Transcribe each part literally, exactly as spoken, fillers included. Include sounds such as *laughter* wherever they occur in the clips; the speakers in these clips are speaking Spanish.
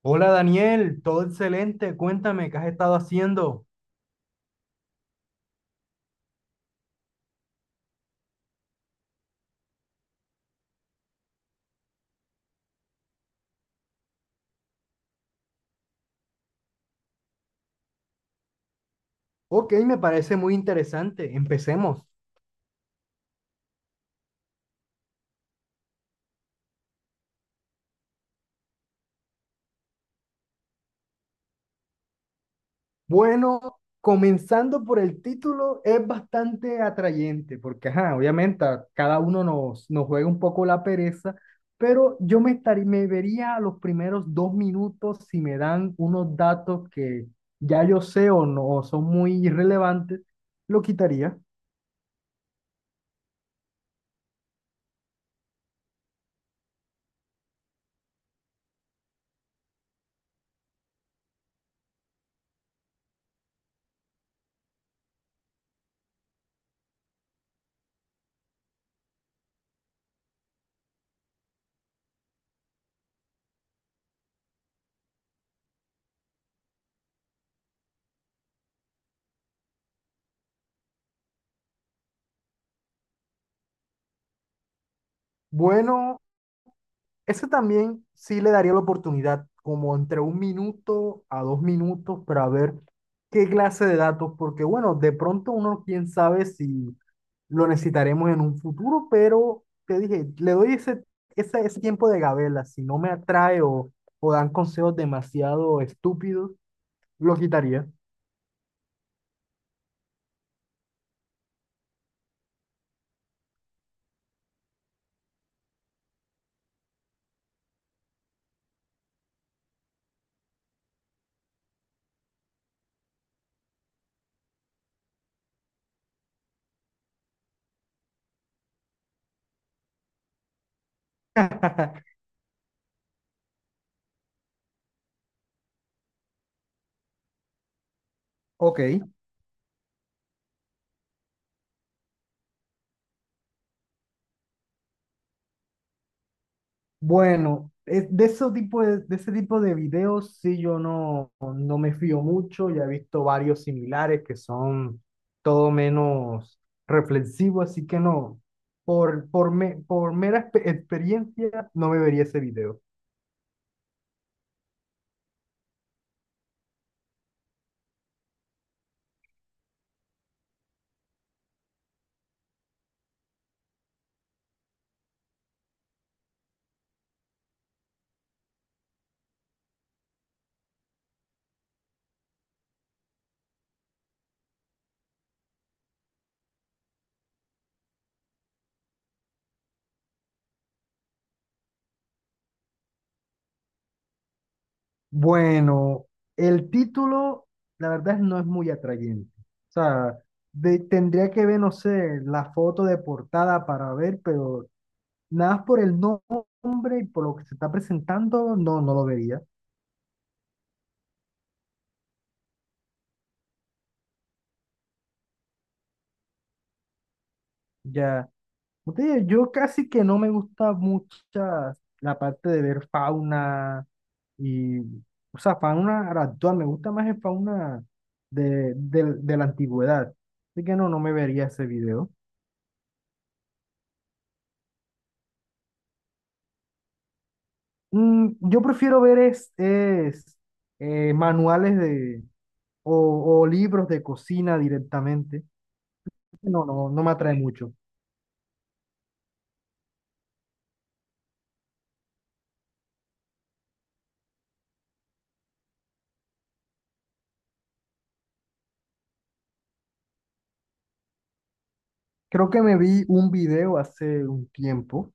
Hola Daniel, todo excelente. Cuéntame, ¿qué has estado haciendo? Ok, me parece muy interesante. Empecemos. Bueno, comenzando por el título, es bastante atrayente, porque ajá, obviamente a cada uno nos, nos juega un poco la pereza, pero yo me estaría, me vería a los primeros dos minutos. Si me dan unos datos que ya yo sé o no o son muy irrelevantes, lo quitaría. Bueno, ese también sí le daría la oportunidad, como entre un minuto a dos minutos, para ver qué clase de datos, porque bueno, de pronto uno quién sabe si lo necesitaremos en un futuro, pero te dije, le doy ese, ese, ese tiempo de gabela. Si no me atrae o, o dan consejos demasiado estúpidos, lo quitaría. Ok. Bueno, es de ese tipo de, de ese tipo de videos. Sí yo no, no me fío mucho, ya he visto varios similares que son todo menos reflexivos, así que no, por, por, me- por mera expe- experiencia no me vería ese video. Bueno, el título la verdad no es muy atrayente, o sea, de- tendría que ver, no sé, la foto de portada para ver, pero nada más por el no- nombre y por lo que se está presentando, no, no lo vería. Ya, como te digo, yo casi que no me gusta mucho la parte de ver fauna y, o sea, fauna actual. Me gusta más el fauna de, de, de la antigüedad. Así que no, no me vería ese video. Mm, yo prefiero ver es, es, eh, manuales de, o, o libros de cocina directamente. No, no, no me atrae mucho. Creo que me vi un video hace un tiempo.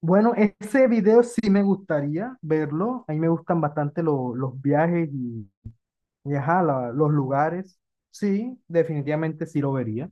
Bueno, ese video sí me gustaría verlo. A mí me gustan bastante lo- los viajes y, y ajá, la- los lugares. Sí, definitivamente sí lo vería.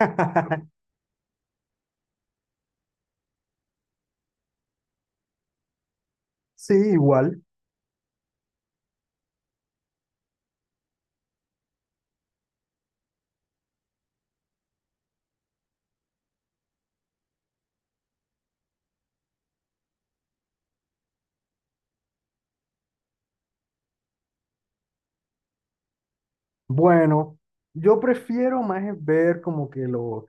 *laughs* Sí, igual. Bueno, yo prefiero más es ver como que los, o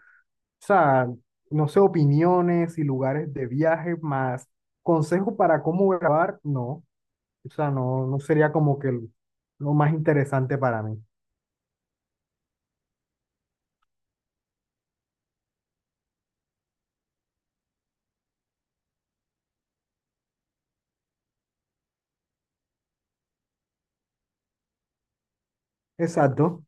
sea, no sé, opiniones y lugares de viaje, más consejos para cómo grabar, no. O sea, no, no sería como que lo lo más interesante para mí. Exacto.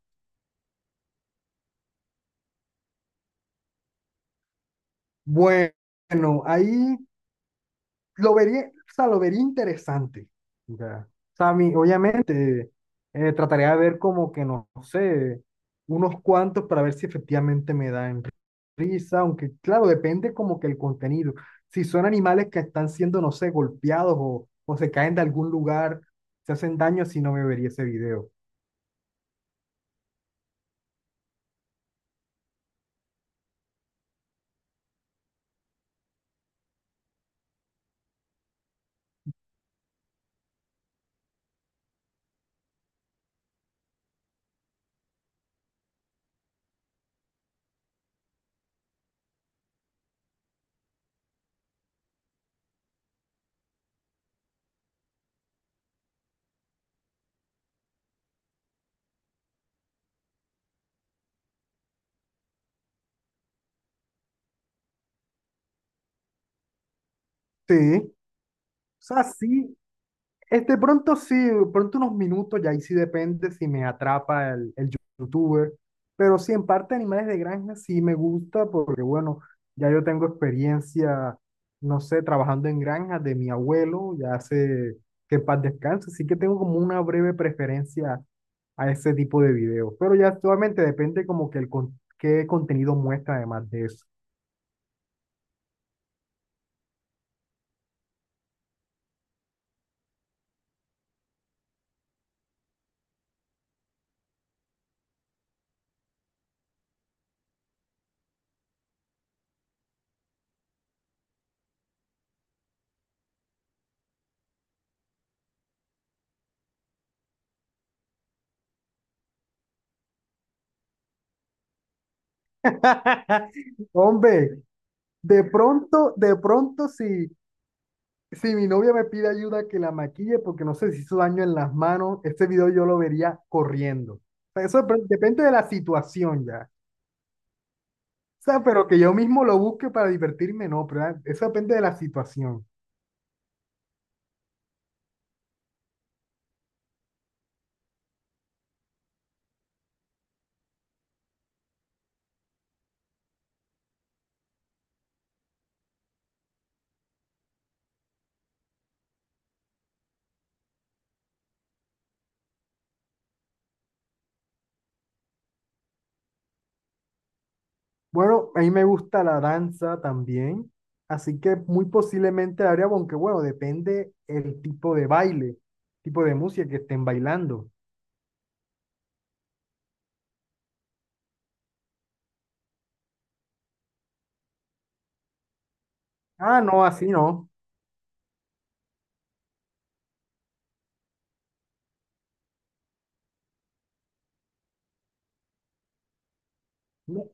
Bueno, ahí lo vería, o sea, lo vería interesante. Ya. O sea, a mí, obviamente, eh, trataría de ver como que, no sé, unos cuantos para ver si efectivamente me dan risa, aunque claro, depende como que el contenido. Si son animales que están siendo, no sé, golpeados o, o se caen de algún lugar, se hacen daño, si no me vería ese video. Sí, o sea, sí, este, pronto sí, pronto unos minutos, y ahí sí depende si me atrapa el, el youtuber, pero sí, en parte animales de granja sí me gusta porque, bueno, ya yo tengo experiencia, no sé, trabajando en granjas de mi abuelo, ya hace que en paz descanse, así que tengo como una breve preferencia a ese tipo de videos, pero ya actualmente depende como que el con- qué contenido muestra además de eso. *laughs* Hombre, de pronto, de pronto sí. Si mi novia me pide ayuda que la maquille porque no sé si hizo daño en las manos, este video yo lo vería corriendo. O sea, eso dep- depende de la situación ya. O sea, pero que yo mismo lo busque para divertirme, no, pero ah, eso depende de la situación. Bueno, a mí me gusta la danza también, así que muy posiblemente la haría, aunque bueno, depende el tipo de baile, tipo de música que estén bailando. Ah, no, así no. No,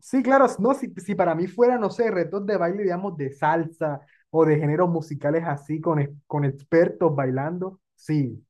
sí, claro, no, si, si para mí fuera, no sé, retos de baile, digamos, de salsa o de géneros musicales así, con, ex- con expertos bailando, sí.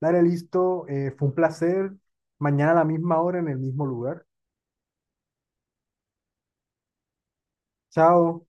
Dale, listo, eh, fue un placer. Mañana a la misma hora en el mismo lugar. Chao.